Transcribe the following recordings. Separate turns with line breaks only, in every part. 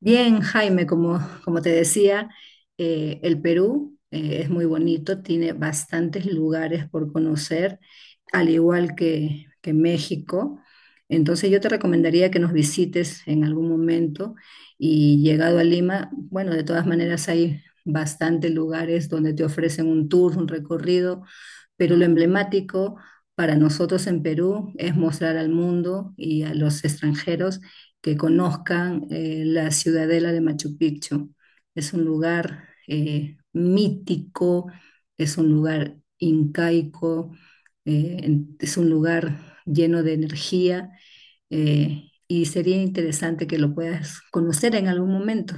Bien, Jaime, como te decía, el Perú es muy bonito, tiene bastantes lugares por conocer, al igual que México. Entonces yo te recomendaría que nos visites en algún momento y llegado a Lima, bueno, de todas maneras hay bastantes lugares donde te ofrecen un tour, un recorrido, pero lo emblemático para nosotros en Perú es mostrar al mundo y a los extranjeros que conozcan la ciudadela de Machu Picchu. Es un lugar mítico, es un lugar incaico, es un lugar lleno de energía y sería interesante que lo puedas conocer en algún momento.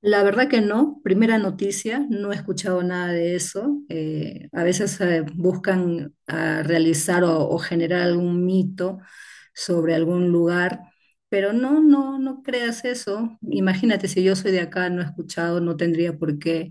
La verdad que no, primera noticia, no he escuchado nada de eso. A veces buscan realizar o generar algún mito sobre algún lugar, pero no creas eso. Imagínate, si yo soy de acá, no he escuchado, no tendría por qué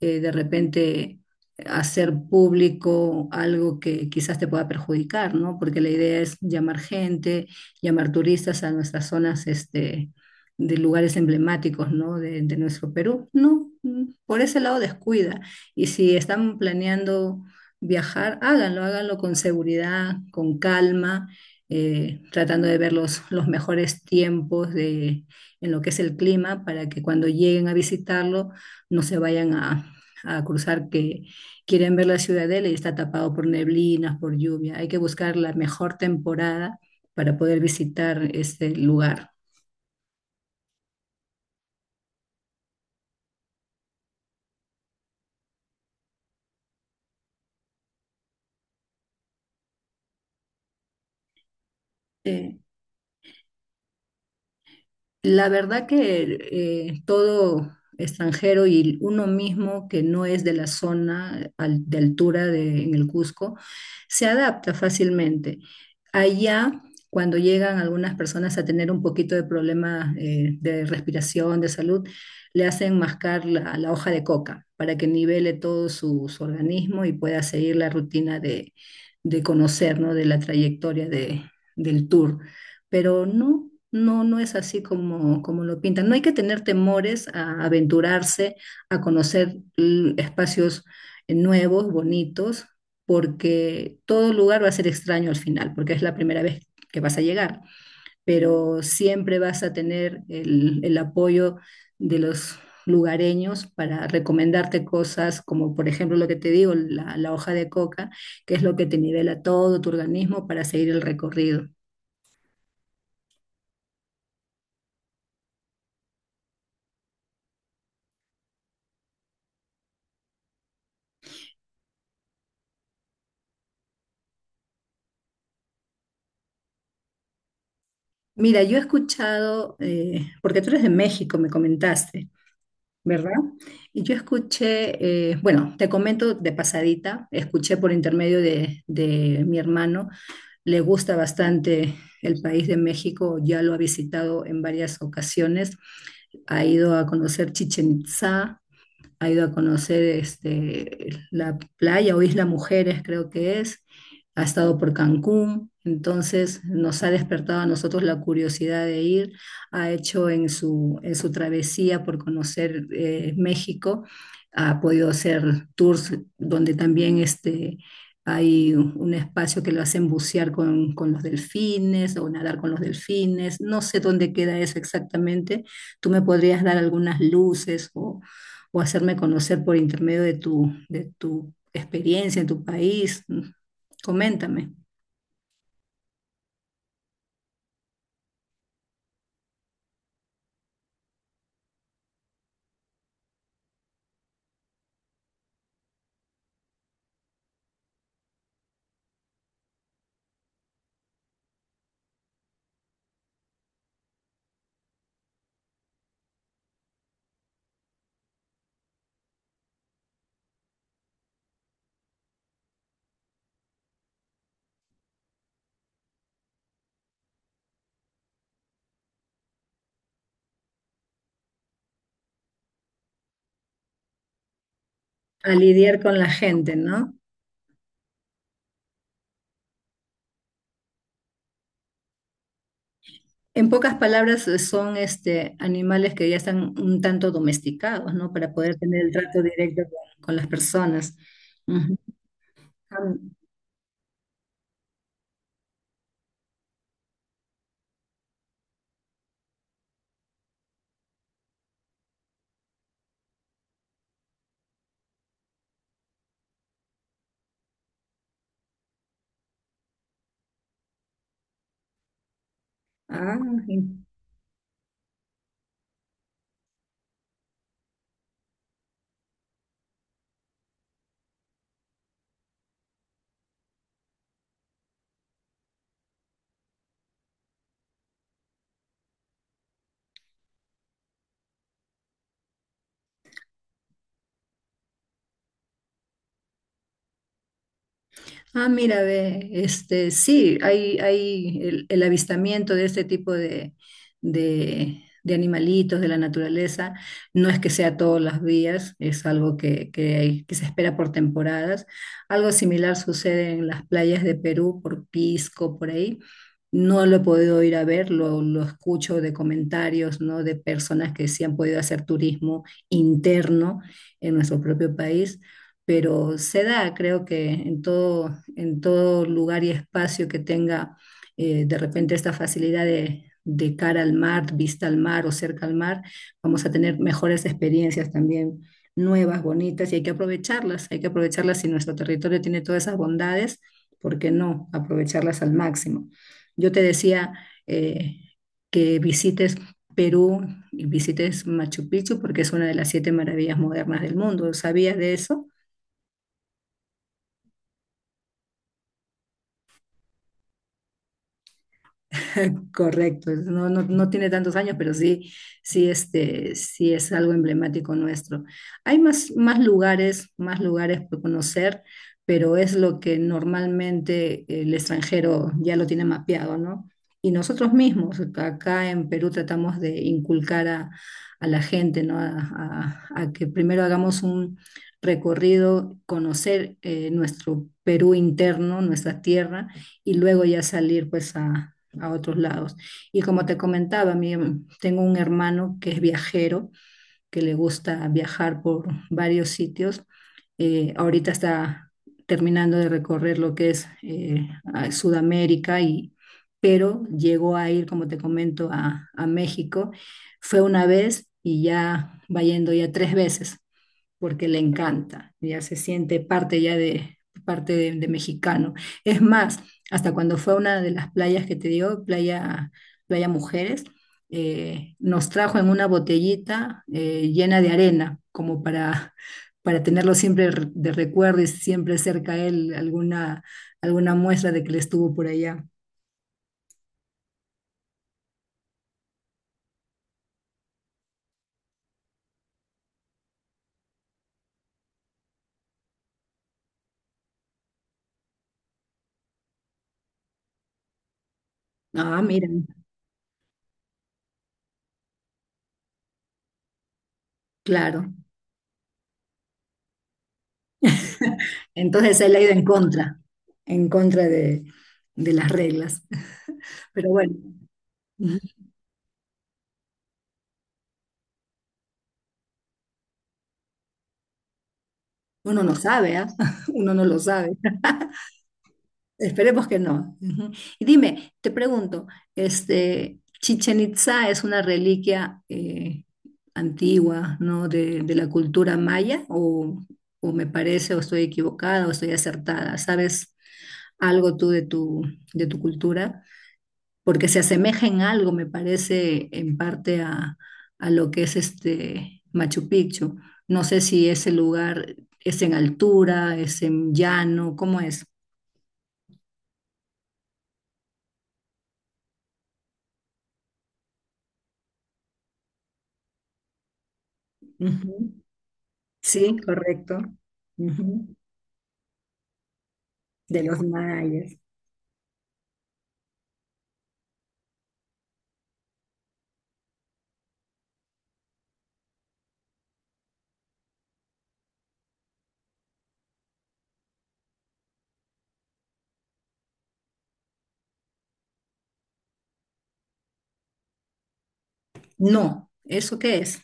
de repente hacer público algo que quizás te pueda perjudicar, ¿no? Porque la idea es llamar gente, llamar turistas a nuestras zonas, este, de lugares emblemáticos, ¿no? De nuestro Perú. No, por ese lado descuida. Y si están planeando viajar, háganlo, háganlo con seguridad, con calma, tratando de ver los mejores tiempos de, en lo que es el clima para que cuando lleguen a visitarlo no se vayan a cruzar que quieren ver la ciudadela y está tapado por neblinas, por lluvia. Hay que buscar la mejor temporada para poder visitar este lugar. Sí. La verdad que todo extranjero y uno mismo que no es de la zona de altura de, en el Cusco se adapta fácilmente. Allá, cuando llegan algunas personas a tener un poquito de problemas de respiración, de salud, le hacen mascar la hoja de coca para que nivele todo su organismo y pueda seguir la rutina de conocer, ¿no? de la trayectoria del tour, pero no es así como, como lo pintan. No hay que tener temores a aventurarse, a conocer espacios nuevos, bonitos, porque todo lugar va a ser extraño al final, porque es la primera vez que vas a llegar, pero siempre vas a tener el apoyo de los lugareños para recomendarte cosas como por ejemplo lo que te digo, la hoja de coca, que es lo que te nivela todo tu organismo para seguir el recorrido. Mira, yo he escuchado, porque tú eres de México, me comentaste, ¿verdad? Y yo escuché, bueno, te comento de pasadita, escuché por intermedio de mi hermano, le gusta bastante el país de México, ya lo ha visitado en varias ocasiones, ha ido a conocer Chichen Itzá, ha ido a conocer este, la playa o Isla Mujeres, creo que es, ha estado por Cancún, entonces nos ha despertado a nosotros la curiosidad de ir, ha hecho en su travesía por conocer México, ha podido hacer tours donde también este, hay un espacio que lo hacen bucear con los delfines o nadar con los delfines, no sé dónde queda eso exactamente, tú me podrías dar algunas luces o hacerme conocer por intermedio de tu experiencia en tu país. Coméntame. A lidiar con la gente, ¿no? En pocas palabras, son este, animales que ya están un tanto domesticados, ¿no? Para poder tener el trato directo con las personas. Ujú. Ah, ah, Ah, mira, ve, este, sí, hay el avistamiento de este tipo de animalitos de la naturaleza. No es que sea todos los días, es algo que, que se espera por temporadas. Algo similar sucede en las playas de Perú, por Pisco, por ahí. No lo he podido ir a ver, lo escucho de comentarios, ¿no? De personas que sí han podido hacer turismo interno en nuestro propio país, pero se da, creo que en todo lugar y espacio que tenga de repente esta facilidad de cara al mar, vista al mar o cerca al mar, vamos a tener mejores experiencias también, nuevas, bonitas, y hay que aprovecharlas si nuestro territorio tiene todas esas bondades, ¿por qué no aprovecharlas al máximo? Yo te decía eh, que visites... Perú y visites Machu Picchu porque es una de las siete maravillas modernas del mundo. ¿Sabías de eso? Correcto, no, no, no tiene tantos años, pero sí, sí, este, sí es algo emblemático nuestro. Hay más, más lugares por conocer, pero es lo que normalmente el extranjero ya lo tiene mapeado, ¿no? Y nosotros mismos, acá en Perú tratamos de inculcar a la gente, ¿no? A que primero hagamos un recorrido, conocer nuestro Perú interno, nuestra tierra y luego ya salir pues a otros lados. Y como te comentaba, mi, tengo un hermano que es viajero, que le gusta viajar por varios sitios. Ahorita está terminando de recorrer lo que es a Sudamérica y pero llegó a ir, como te comento, a México. Fue una vez y ya va yendo ya tres veces porque le encanta, ya se siente parte ya de parte de mexicano. Es más, hasta cuando fue a una de las playas que te digo, playa, playa Mujeres, nos trajo en una botellita llena de arena, como para tenerlo siempre de recuerdo y siempre cerca a él alguna, alguna muestra de que le estuvo por allá. Ah, miren, claro. Entonces él ha ido en contra de las reglas. Pero bueno. Uno no sabe, ¿ah? Uno no lo sabe. Esperemos que no. Ujú. Y dime, te pregunto, este, Chichen Itza es una reliquia antigua, ¿no? De la cultura maya, o me parece, o estoy equivocada, o estoy acertada. ¿Sabes algo tú de tu cultura? Porque se asemeja en algo, me parece, en parte a lo que es este Machu Picchu. No sé si ese lugar es en altura, es en llano, ¿cómo es? Ujú. Sí, correcto. Ujú. De los mayas. No, ¿eso qué es?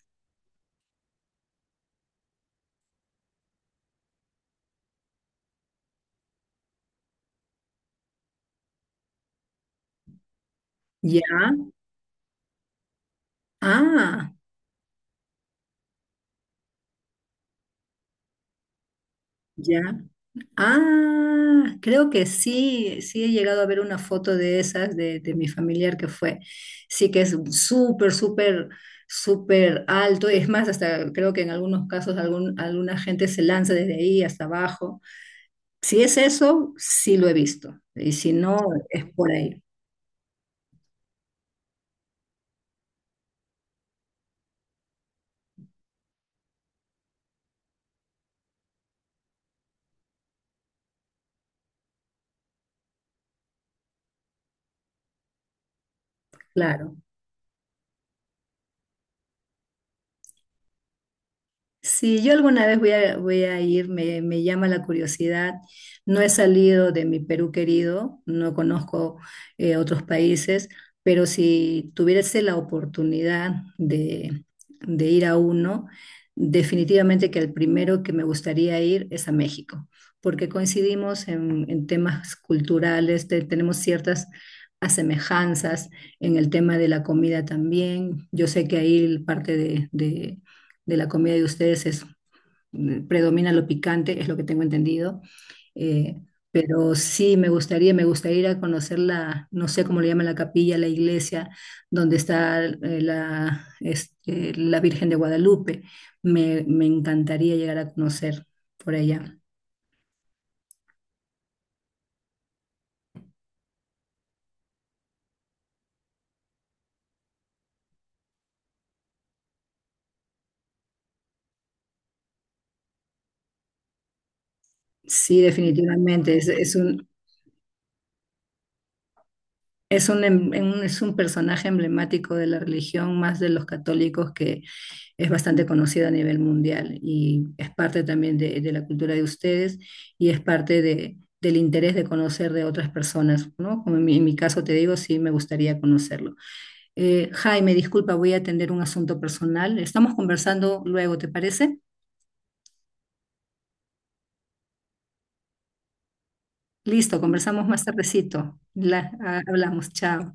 Ya. Ah, ya. Ah, creo que sí, sí he llegado a ver una foto de esas de mi familiar que fue. Sí que es súper, súper, súper alto. Es más, hasta creo que en algunos casos algún, alguna gente se lanza desde ahí hasta abajo. Si es eso, sí lo he visto. Y si no, es por ahí. Claro. Si yo alguna vez voy voy a ir, me llama la curiosidad. No he salido de mi Perú querido, no conozco otros países, pero si tuviese la oportunidad de ir a uno, definitivamente que el primero que me gustaría ir es a México, porque coincidimos en temas culturales, tenemos ciertas asemejanzas en el tema de la comida también. Yo sé que ahí parte de la comida de ustedes es, predomina lo picante, es lo que tengo entendido. Eh, pero sí, me gustaría ir a conocer la, no sé cómo le llaman la capilla, la iglesia, donde está la, este, la Virgen de Guadalupe. Me encantaría llegar a conocer por allá. Sí, definitivamente, es un, es un, es un personaje emblemático de la religión, más de los católicos que, es bastante conocida a nivel mundial y es parte también de la cultura de ustedes y es parte de, del interés de conocer de otras personas, ¿no? Como en mi caso te digo, sí me gustaría conocerlo. Jaime, disculpa, voy a atender un asunto personal. Estamos conversando luego, ¿te parece? Listo, conversamos más tardecito. Hablamos, chao.